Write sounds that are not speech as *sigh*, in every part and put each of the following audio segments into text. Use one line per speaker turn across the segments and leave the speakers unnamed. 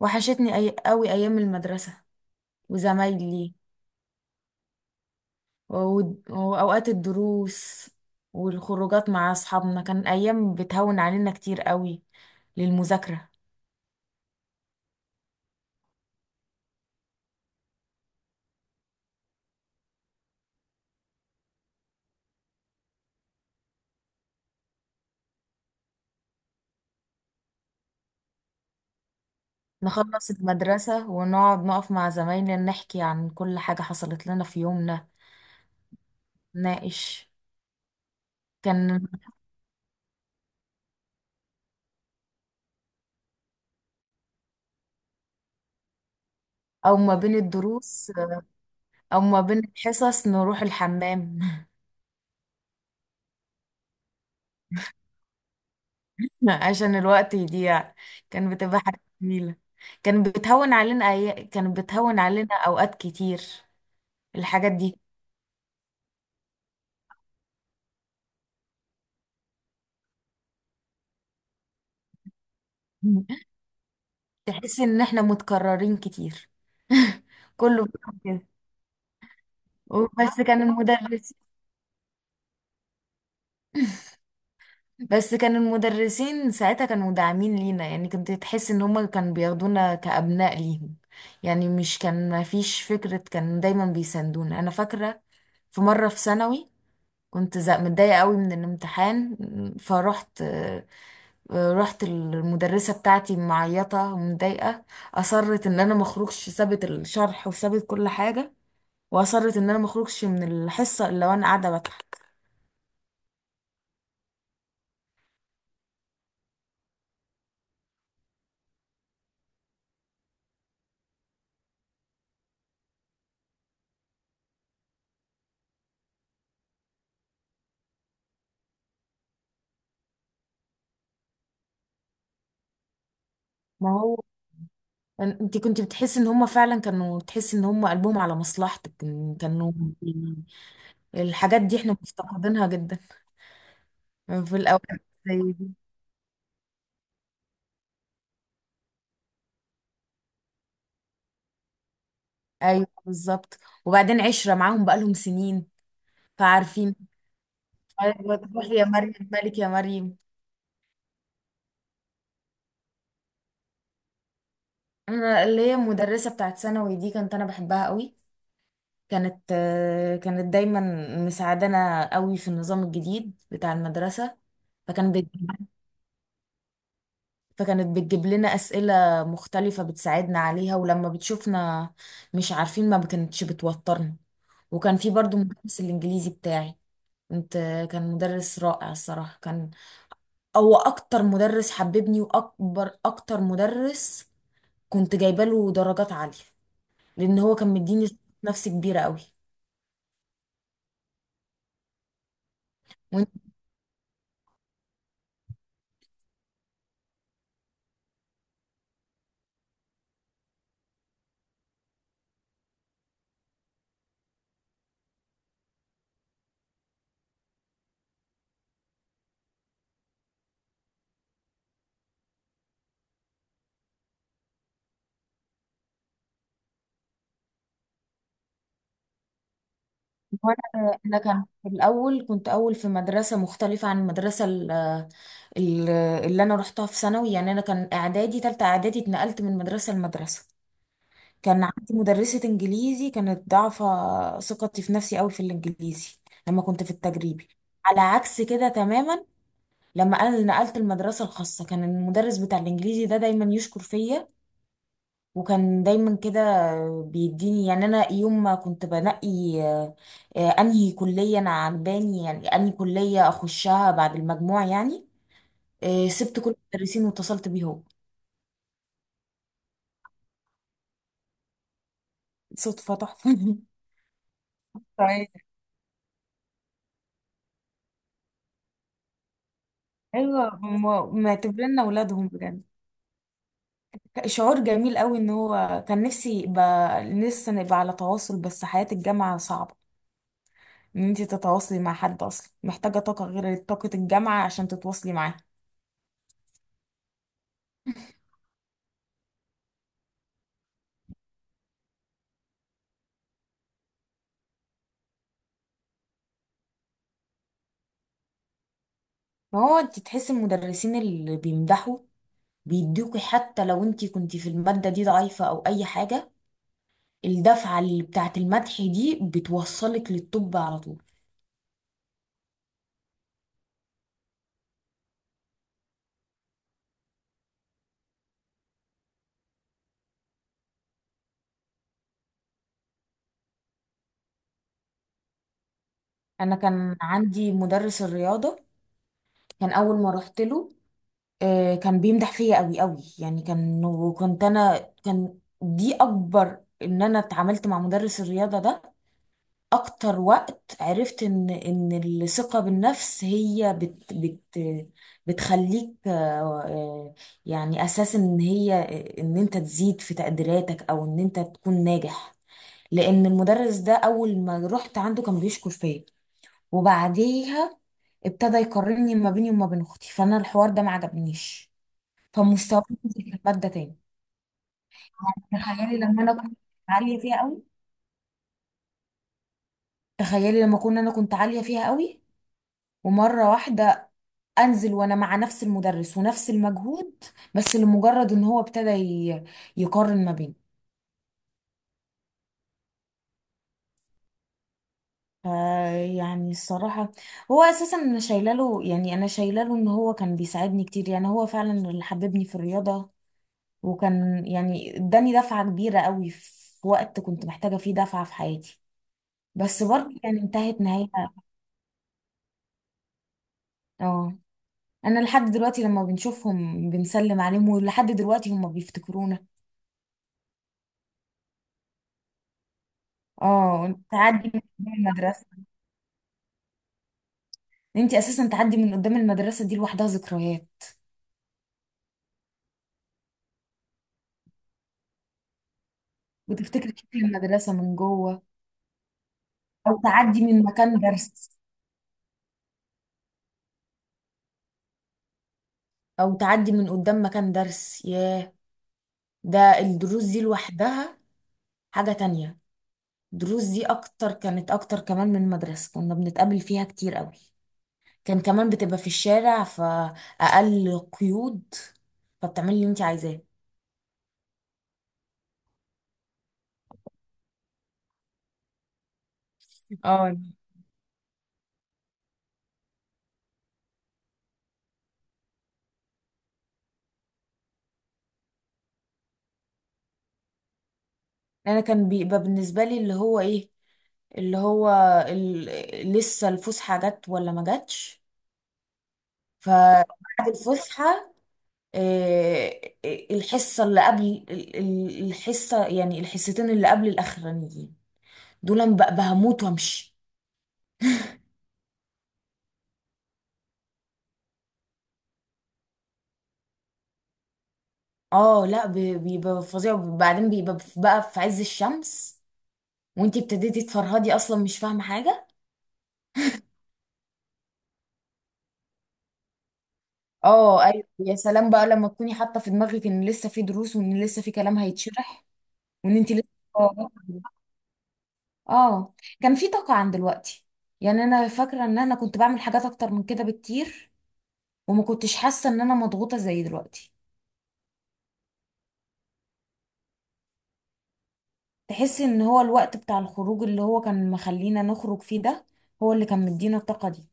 وحشتني قوي ايام المدرسة وزمايلي واوقات الدروس والخروجات مع اصحابنا، كان ايام بتهون علينا كتير قوي للمذاكرة. نخلص المدرسة ونقعد نقف مع زمايلنا نحكي عن كل حاجة حصلت لنا في يومنا، نناقش. كان او ما بين الدروس او ما بين الحصص نروح الحمام *laughs* عشان الوقت يضيع. كان بتبقى حاجة جميلة، كان بتهون علينا كان بتهون علينا اوقات كتير الحاجات دي. *laughs* تحس ان احنا متكررين كتير. *laughs* كله بيعمل كده. بس كان المدرس بس كان المدرسين ساعتها كانوا داعمين لينا، يعني كنت تحس ان هما كانوا بياخدونا كأبناء ليهم. يعني مش كان ما فيش فكرة، كان دايما بيساندونا. انا فاكرة في مرة في ثانوي كنت متضايقة قوي من الامتحان، فروحت رحت المدرسة بتاعتي معيطة ومتضايقة. أصرت إن أنا مخرجش، سابت الشرح وسابت كل حاجة، وأصرت إن أنا مخرجش من الحصة إلا وأنا قاعدة بضحك. ما هو انت كنت بتحسي ان هما فعلا، كانوا تحسي ان هما قلبهم على مصلحتك إن كانوا. الحاجات دي احنا مفتقدينها جدا في الاوقات زي دي. ايوه بالظبط، وبعدين عشرة معاهم بقالهم سنين، فعارفين. ايوه، تروح يا مريم، مالك يا مريم. انا اللي هي المدرسه بتاعت ثانوي دي كانت، انا بحبها قوي. كانت كانت دايما مساعدانا قوي في النظام الجديد بتاع المدرسه. فكان بتجيب فكانت بتجيب لنا اسئله مختلفه بتساعدنا عليها، ولما بتشوفنا مش عارفين ما كانتش بتوترنا. وكان في برضو مدرس الانجليزي بتاعي، كنت، كان مدرس رائع الصراحه. كان هو اكتر مدرس حببني، واكبر اكتر مدرس كنت جايبه له درجات عاليه، لان هو كان مديني ثقة، نفس كبيره قوي. وانت، وانا كان في الاول، كنت اول في مدرسه مختلفه عن المدرسه ال- اللي انا رحتها في ثانوي. يعني انا كان اعدادي، تالتة اعدادي، اتنقلت من مدرسه لمدرسه. كان عندي مدرسه انجليزي كانت ضعفه ثقتي في نفسي قوي في الانجليزي لما كنت في التجريبي، على عكس كده تماما لما انا نقلت المدرسه الخاصه. كان المدرس بتاع الانجليزي ده دايما يشكر فيا، وكان دايما كده بيديني. يعني انا يوم ما كنت بنقي آه، انهي كليه انا عجباني، يعني انهي كليه اخشها بعد المجموع، يعني سبت كل المدرسين واتصلت بيه هو. صدفه تحفه. *laughs* طيب، ايوه، هم معتبرنا اولادهم بجد. شعور جميل قوي ان هو، كان نفسي يبقى لسه نبقى على تواصل، بس حياة الجامعة صعبة ان انت تتواصلي مع حد، اصلا محتاجة طاقة غير طاقة الجامعة عشان تتواصلي معاه. ما هو انت تحس المدرسين اللي بيمدحوا بيدوكي، حتى لو انت كنت في المادة دي ضعيفة او اي حاجة، الدفعة اللي بتاعت المدح دي بتوصلك للطب على طول. انا كان عندي مدرس الرياضة، كان اول ما رحت له كان بيمدح فيا قوي قوي. يعني كان، وكنت انا، كان دي اكبر ان انا اتعاملت مع مدرس الرياضة ده. اكتر وقت عرفت ان ان الثقة بالنفس هي بت بتخليك آه، يعني اساس، ان هي ان انت تزيد في تقديراتك او ان انت تكون ناجح. لان المدرس ده اول ما رحت عنده كان بيشكر فيا، وبعديها ابتدى يقارني ما بيني وما بين اختي، فانا الحوار ده ما عجبنيش. فمستواي نزل في المادة تاني. تخيلي لما انا كنت عالية فيها قوي، تخيلي لما كنا، انا كنت عالية فيها قوي، ومرة واحدة انزل وانا مع نفس المدرس ونفس المجهود، بس لمجرد ان هو ابتدى يقارن ما بين. يعني الصراحة هو اساسا انا شايله له، يعني انا شايله له ان هو كان بيساعدني كتير. يعني هو فعلا اللي حببني في الرياضة، وكان يعني اداني دفعة كبيرة قوي في وقت كنت محتاجة فيه دفعة في حياتي، بس برضه يعني انتهت نهاية. اه، انا لحد دلوقتي لما بنشوفهم بنسلم عليهم، ولحد دلوقتي هم بيفتكرونا. اه، تعدي من المدرسة، ان انت اساسا تعدي من قدام المدرسه دي لوحدها ذكريات. بتفتكري شكل المدرسه من جوه، او تعدي من مكان درس، او تعدي من قدام مكان درس، ياه. ده الدروس دي لوحدها حاجه تانية. الدروس دي اكتر، كانت اكتر كمان من المدرسه كنا بنتقابل فيها كتير قوي. كان كمان بتبقى في الشارع، فاقل قيود، فبتعملي اللي انت عايزاه. اه، انا كان بيبقى بالنسبه لي اللي هو ايه، اللي هو ال... لسه الفسحه جت ولا ما جاتش. فبعد الفسحة الحصة اللي قبل الحصة، يعني الحصتين اللي قبل الأخرانيين دول، أنا بقى بهموت وامشي. اه لا، بيبقى فظيع، وبعدين بيبقى بقى في عز الشمس وانتي ابتديتي تفرهدي، اصلا مش فاهمة حاجة. اه ايوه، يا سلام بقى لما تكوني حاطة في دماغك ان لسه في دروس، وان لسه في كلام هيتشرح، وان انتي لسه. اه، كان في طاقة عن دلوقتي. يعني انا فاكرة ان انا كنت بعمل حاجات اكتر من كده بكتير، وما كنتش حاسة ان انا مضغوطة زي دلوقتي. تحس ان هو الوقت بتاع الخروج اللي هو كان مخلينا نخرج فيه ده، هو اللي كان مدينا الطاقة دي.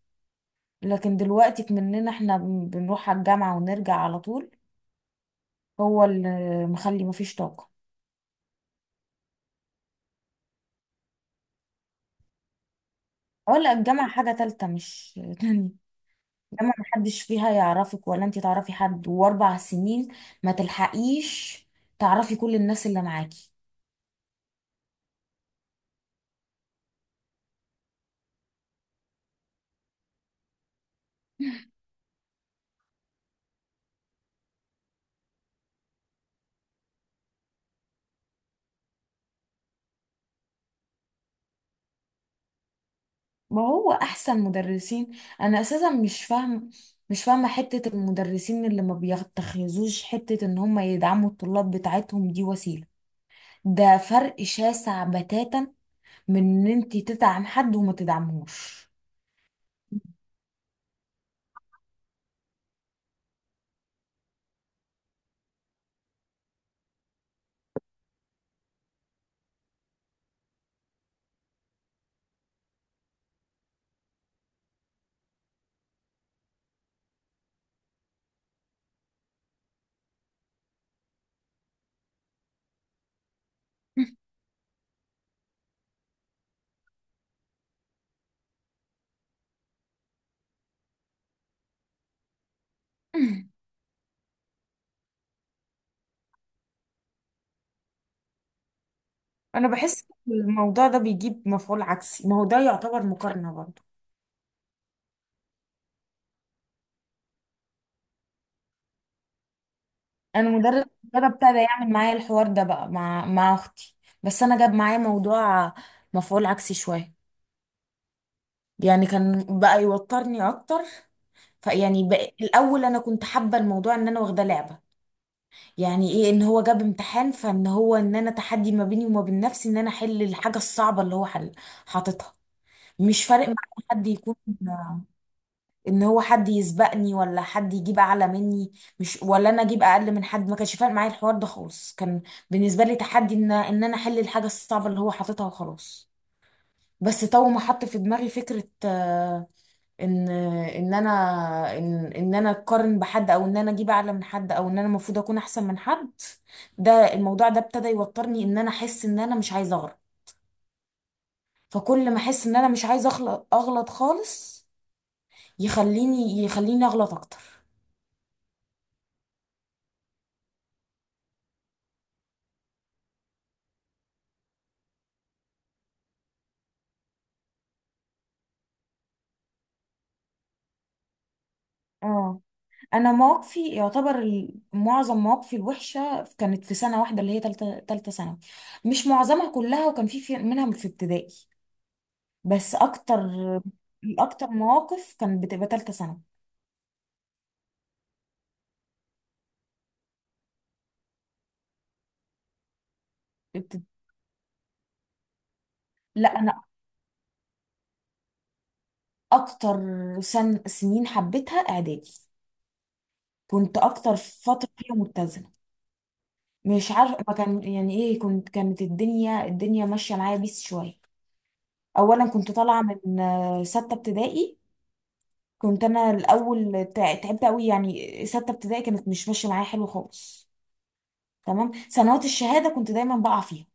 لكن دلوقتي مننا احنا بنروح على الجامعة ونرجع على طول، هو اللي مخلي مفيش طاقة. ولا الجامعة حاجة تالتة، مش *laughs* تانية. الجامعة محدش فيها يعرفك، ولا انت تعرفي حد، واربع سنين ما تلحقيش تعرفي كل الناس اللي معاكي. ما هو احسن مدرسين. انا اساسا مش فاهم، مش فاهمه حته المدرسين اللي ما بيتخذوش حته ان هم يدعموا الطلاب بتاعتهم دي وسيله. ده فرق شاسع بتاتا من ان انت تدعم حد وما تدعمهوش. *laughs* انا بحس الموضوع ده بيجيب مفعول عكسي، ما هو ده يعتبر مقارنه برضه. انا مدرس ده ابتدى يعمل معايا الحوار ده بقى مع اختي، بس انا جاب معايا موضوع، مفعول عكسي شويه. يعني كان بقى يوترني اكتر. فيعني الاول انا كنت حابه الموضوع، ان انا واخده لعبه. يعني ايه؟ ان هو جاب امتحان، فان هو ان انا تحدي ما بيني وما بين نفسي ان انا احل الحاجه الصعبه اللي هو حل، حاططها. مش فارق معايا حد يكون، ان هو حد يسبقني ولا حد يجيب اعلى مني، مش ولا انا اجيب اقل من حد. ما كانش فارق معايا الحوار ده خالص، كان بالنسبه لي تحدي ان انا احل الحاجه الصعبه اللي هو حاططها وخلاص. بس طول ما حط في دماغي فكره ان ان انا اقارن بحد، او ان انا اجيب اعلى من حد، او ان انا المفروض اكون احسن من حد، ده الموضوع ده ابتدى يوترني، ان انا احس ان انا مش عايزه اغلط. فكل ما احس ان انا مش عايزه اغلط، اغلط خالص، يخليني اغلط اكتر. اه، انا مواقفي يعتبر معظم مواقفي الوحشه كانت في سنه واحده اللي هي تالته ثانوي. مش معظمها كلها، وكان منها في ابتدائي، بس اكتر، اكتر مواقف كانت بتبقى تالته ثانوي. لا انا اكتر سنين حبيتها اعدادي، كنت اكتر فتره فيها متزنه. مش عارفه ما كان يعني ايه، كنت كانت الدنيا ماشيه معايا بيس شويه. اولا كنت طالعه من سته ابتدائي، كنت انا الاول تعبت قوي. يعني سته ابتدائي كانت مش ماشيه معايا حلو خالص. تمام سنوات الشهاده كنت دايما بقع فيها،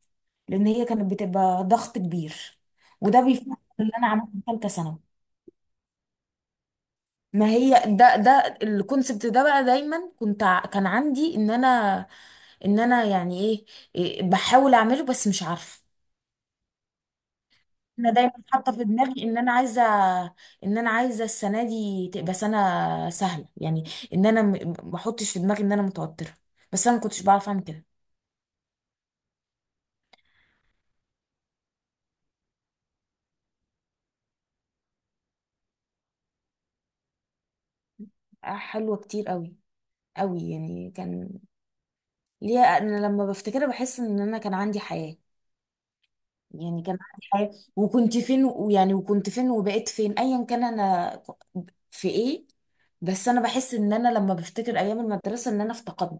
لان هي كانت بتبقى ضغط كبير. وده بيفهم اللي انا عملته في ثالثه ثانوي. ما هي ده الكونسبت ده بقى دايما كنت كان عندي ان انا، ان انا يعني ايه، إيه بحاول اعمله بس مش عارفه. انا دايما حاطه في دماغي ان انا عايزه، ان انا عايزه السنه دي تبقى سنه سهله. يعني ان انا ما احطش في دماغي ان انا متوتره، بس انا ما كنتش بعرف اعمل كده. حلوه كتير قوي، قوي يعني. كان ليها، انا لما بفتكرها بحس ان انا كان عندي حياه. يعني كان عندي حياه وكنت فين، ويعني وكنت فين وبقيت فين، ايا كان انا في ايه. بس انا بحس ان انا لما بفتكر ايام المدرسه ان انا في تقدم.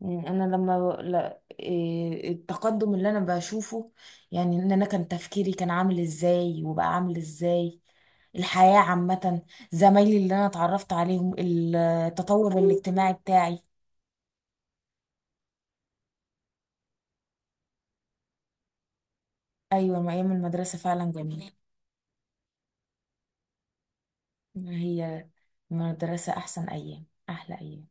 يعني انا لما لا إيه التقدم اللي انا بشوفه، يعني ان انا كان تفكيري كان عامل ازاي وبقى عامل ازاي، الحياه عامه، زمايلي اللي انا اتعرفت عليهم، التطور الاجتماعي بتاعي. ايوه، ما ايام المدرسه فعلا جميله. هي المدرسه احسن ايام، احلى ايام.